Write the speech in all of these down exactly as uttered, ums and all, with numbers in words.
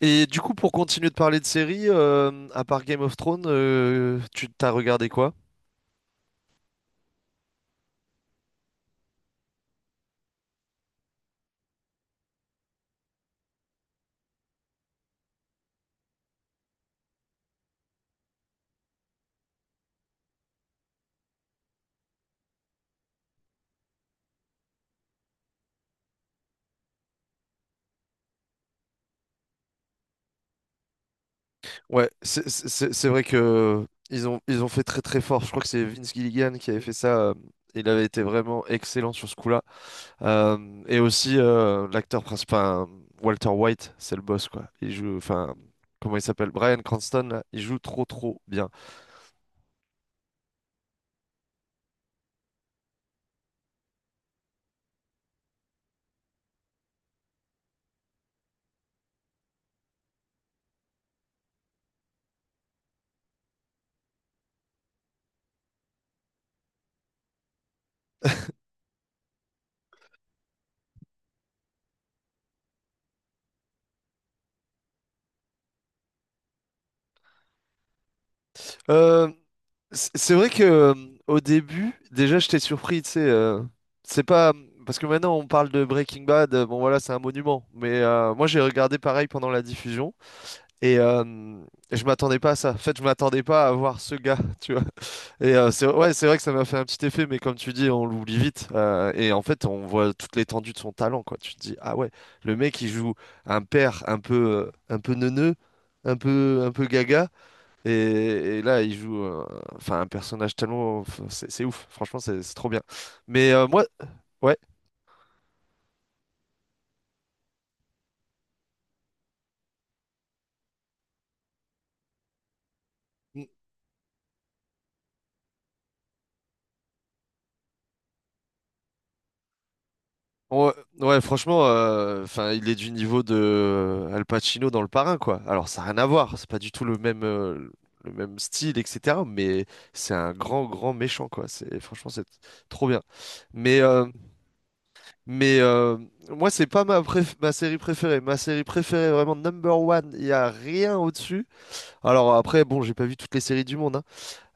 Et du coup, pour continuer de parler de séries, euh, à part Game of Thrones, euh, tu t'as regardé quoi? Ouais, c'est c'est- c'est- c'est vrai que euh, ils ont, ils ont fait très très fort. Je crois que c'est Vince Gilligan qui avait fait ça. Euh, il avait été vraiment excellent sur ce coup-là. Euh, et aussi, euh, l'acteur principal, enfin, Walter White, c'est le boss, quoi. Il joue, enfin, comment il s'appelle? Bryan Cranston, là, il joue trop trop bien. Euh, c- c'est vrai que euh, au début, déjà, j'étais surpris, tu sais. Euh, c'est pas parce que maintenant on parle de Breaking Bad. euh, Bon, voilà, c'est un monument. Mais euh, moi, j'ai regardé pareil pendant la diffusion et euh, je m'attendais pas à ça. En fait, je m'attendais pas à voir ce gars, tu vois. Et euh, c'est ouais, c'est vrai que ça m'a fait un petit effet, mais comme tu dis, on l'oublie vite. Euh, et en fait, on voit toute l'étendue de son talent, quoi. Tu te dis, ah ouais, le mec, il joue un père un peu, euh, un peu neuneux, un peu, un peu gaga. Et, et là, il joue euh, enfin, un personnage tellement. Enfin, C'est c'est ouf, franchement, c'est c'est trop bien. Mais euh, moi, ouais. Mm. Ouais, ouais, franchement, euh, enfin, il est du niveau de euh, Al Pacino dans Le Parrain, quoi. Alors, ça n'a rien à voir, c'est pas du tout le même, euh, le même style, et cetera. Mais c'est un grand, grand méchant, quoi. C'est, franchement, c'est trop bien. Mais, euh, mais euh, moi, c'est pas ma, préf- ma série préférée. Ma série préférée, vraiment number one, il y a rien au-dessus. Alors, après, bon, j'ai pas vu toutes les séries du monde, hein.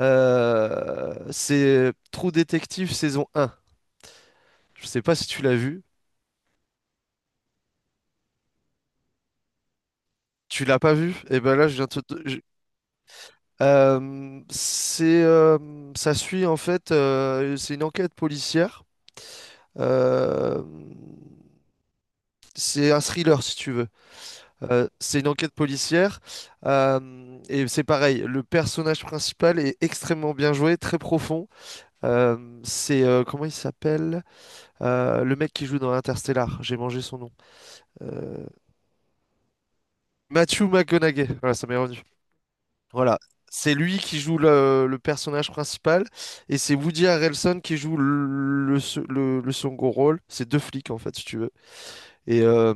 Euh, c'est Trou Détective saison un. Je sais pas si tu l'as vu. Tu l'as pas vu? Et ben là, je viens te... te- je- Euh, c'est, euh, Ça suit en fait, euh, c'est une enquête policière. Euh, c'est un thriller si tu veux. Euh, c'est une enquête policière. Euh, et c'est pareil, le personnage principal est extrêmement bien joué, très profond. Euh, c'est, euh, comment il s'appelle? Euh, le mec qui joue dans Interstellar. J'ai mangé son nom. Euh, Matthew McConaughey, voilà, ça m'est revenu. Voilà, c'est lui qui joue le, le personnage principal et c'est Woody Harrelson qui joue le, le, se- le- le second rôle. C'est deux flics en fait, si tu veux. Et, euh,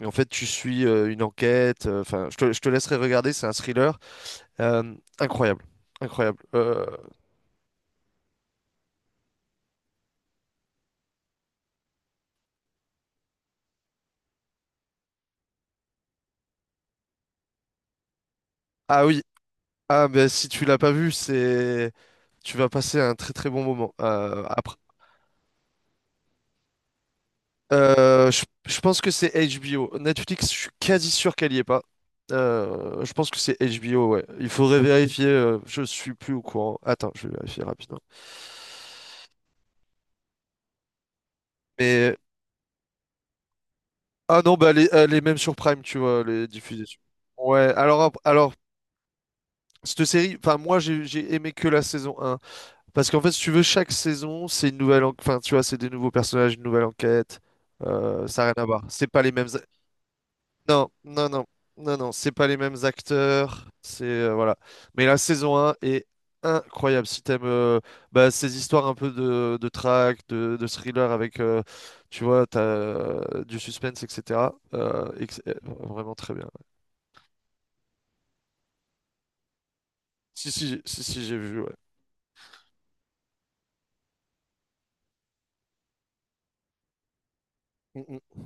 et en fait, tu suis euh, une enquête. euh, Enfin, je te, je te laisserai regarder, c'est un thriller Euh, incroyable, incroyable. Euh, Ah oui, ah ben si tu l'as pas vu, c'est tu vas passer un très très bon moment. Euh, après Euh, je, je pense que c'est H B O. Netflix, je suis quasi sûr qu'elle y est pas. Euh, je pense que c'est H B O, ouais. Il faudrait vérifier. Euh, je suis plus au courant. Attends, je vais vérifier rapidement. Mais ah non, bah elle est, elle est même sur Prime, tu vois, elle est diffusée sur- Ouais. Alors ap- alors cette série, enfin moi j'ai j'ai aimé que la saison un, parce qu'en fait si tu veux chaque saison c'est une nouvelle, en- enfin tu vois c'est des nouveaux personnages, une nouvelle enquête. Euh, ça n'a rien à voir. C'est pas les mêmes. Non, non, non, non, non, c'est pas les mêmes acteurs, c'est euh, voilà. Mais la saison un est incroyable. Si t'aimes euh, bah, ces histoires un peu de, de track, de, de thriller avec, euh, tu vois, t'as euh, du suspense, et cetera euh, ex- euh, Vraiment très bien. Si, si, si, si, j'ai vu, ouais. Mm, mm.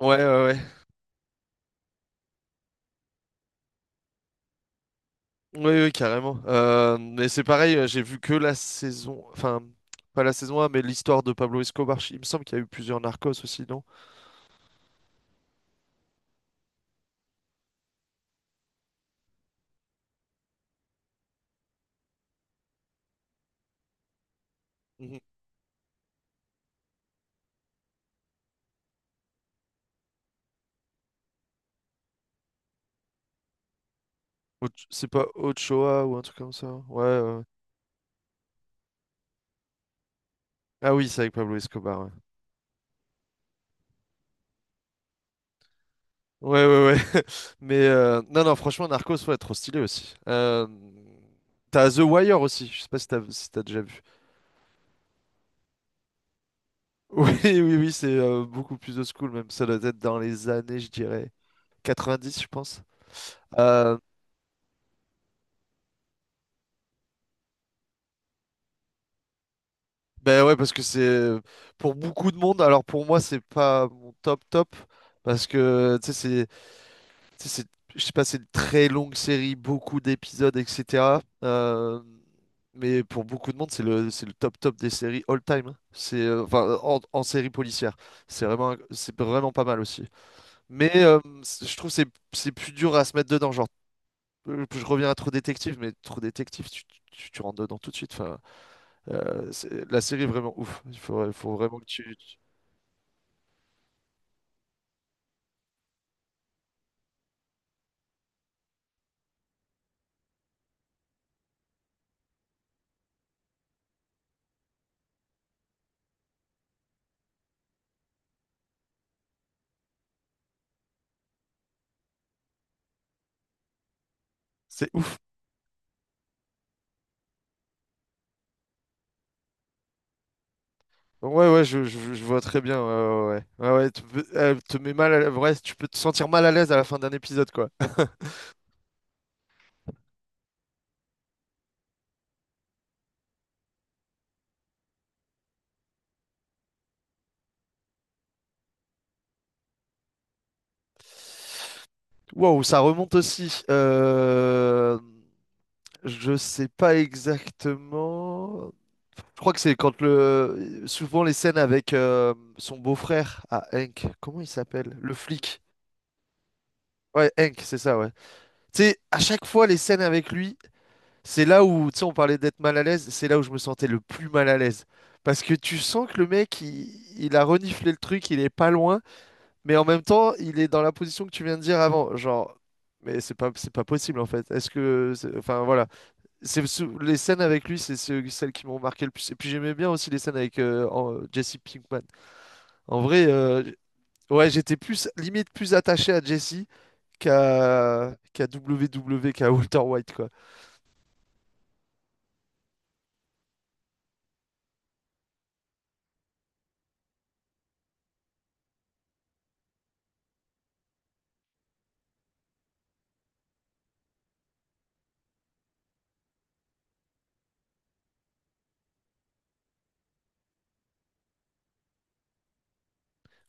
Ouais, ouais, ouais. Oui, oui, carrément. Euh, mais c'est pareil, euh, j'ai vu que la saison, enfin, pas la saison un, mais l'histoire de Pablo Escobar. Il me semble qu'il y a eu plusieurs Narcos aussi, non? Mhm. Ocho- C'est pas Ochoa ou un truc comme ça. Ouais. euh. Ah oui, c'est avec Pablo Escobar. Ouais, ouais, ouais, ouais. Mais euh, non, non, franchement, Narcos, ouais, trop stylé aussi. Euh, T'as The Wire aussi. Je sais pas si t'as si t'as déjà vu. Oui, oui, oui, c'est euh, beaucoup plus old school même. Ça doit être dans les années, je dirais, quatre-vingt-dix, je pense. Euh, ben ouais, parce que c'est pour beaucoup de monde. Alors pour moi, c'est pas mon top top parce que tu sais, c'est Tu sais, c'est- je sais pas, c'est une très longue série, beaucoup d'épisodes, et cetera. Euh, mais pour beaucoup de monde, c'est le, c'est le top top des séries all time, hein. C'est, euh, enfin, en, en série policière. C'est vraiment, un- c'est vraiment pas mal aussi. Mais euh, c- je trouve que c'est c'est plus dur à se mettre dedans. Genre, euh, je reviens à Trop Détective, mais Trop Détective, tu, tu, tu rentres dedans tout de suite. Enfin, euh, c'est- la série est vraiment ouf. Il faut, il faut vraiment que tu. C'est ouf. Ouais, ouais, je, je, je vois très bien. Ouais, ouais, ouais. Ouais, ouais, tu peux- elle te met mal à l'aise. Ouais, tu peux te sentir mal à l'aise à la fin d'un épisode, quoi. Wow, ça remonte aussi. Euh... Je sais pas exactement. Je crois que c'est quand le. Souvent les scènes avec euh, son beau-frère à Hank. Comment il s'appelle? Le flic. Ouais, Hank, c'est ça, ouais. Tu sais, à chaque fois les scènes avec lui. C'est là où, tu sais, on parlait d'être mal à l'aise, c'est là où je me sentais le plus mal à l'aise. Parce que tu sens que le mec, il, il a reniflé le truc, il est pas loin, mais en même temps, il est dans la position que tu viens de dire avant. Genre, mais c'est pas, c'est pas possible en fait. Est-ce que, c'est- enfin voilà, c'est sou- les scènes avec lui, c'est ce- celles qui m'ont marqué le plus. Et puis j'aimais bien aussi les scènes avec euh, en- Jesse Pinkman. En vrai, euh, ouais, j'étais plus, limite plus attaché à Jesse qu'à qu'à W W qu'à Walter White, quoi.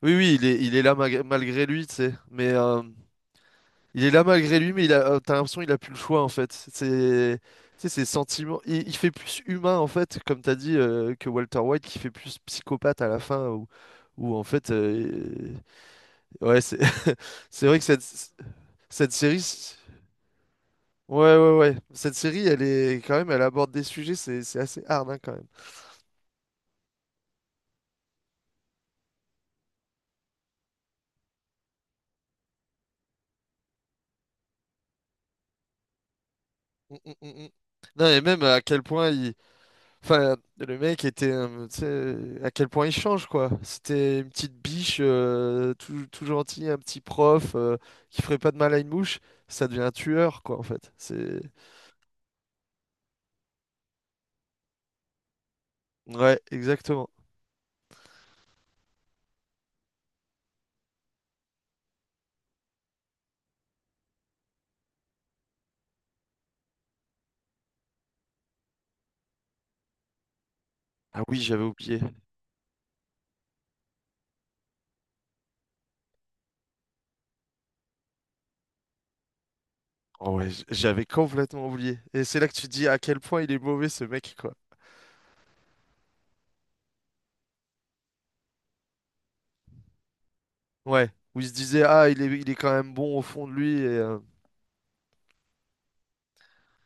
Oui, oui, il est, il est là mag- malgré lui, tu sais. Mais euh, il est là malgré lui, mais il a, euh, t'as l'impression qu'il a plus le choix en fait. C'est, tu sais, ses sentiments. Il, il fait plus humain en fait, comme t'as dit, euh, que Walter White, qui fait plus psychopathe à la fin, où, où, en fait, euh, ouais, c'est, c'est vrai que cette, cette série, c- ouais, ouais, ouais, cette série, elle est quand même, elle aborde des sujets, c'est, c'est assez hard hein, quand même. Mm, mm, mm, mm. Non, et même à quel point il Enfin, le mec était, euh, tu sais, à quel point il change, quoi. C'était une petite biche, euh, tout, tout gentil, un petit prof, euh, qui ferait pas de mal à une mouche. Ça devient un tueur, quoi, en fait. C'est... Ouais, exactement. Ah oui, j'avais oublié. Oh ouais, j- j'avais complètement oublié. Et c'est là que tu te dis à quel point il est mauvais, ce mec, quoi. Ouais, où il se disait, ah, il est, il est quand même bon au fond de lui, et... euh,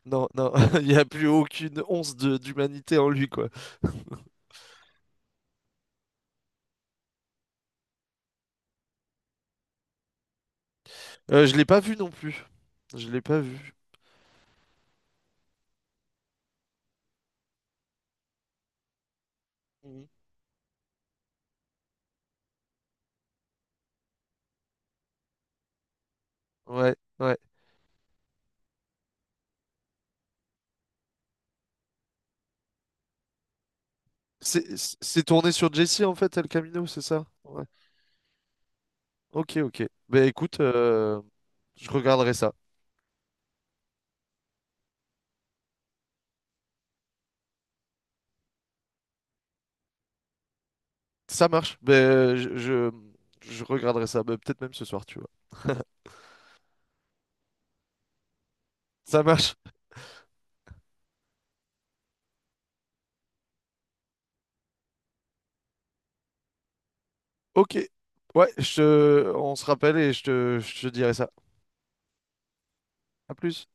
Non, non, il n'y a plus aucune once de d'humanité en lui, quoi. Euh, je l'ai pas vu non plus. Je l'ai pas vu. Mhm. Ouais, ouais. C'est c'est tourné sur Jessie en fait, El Camino, c'est ça? Ouais. Ok, ok. Ben écoute, euh, je regarderai ça. Ça marche. Ben je, je, je regarderai ça. Ben, peut-être même ce soir, tu vois. Ça marche. Ok. Ouais, je te- on se rappelle et je te, je te dirai ça. À plus.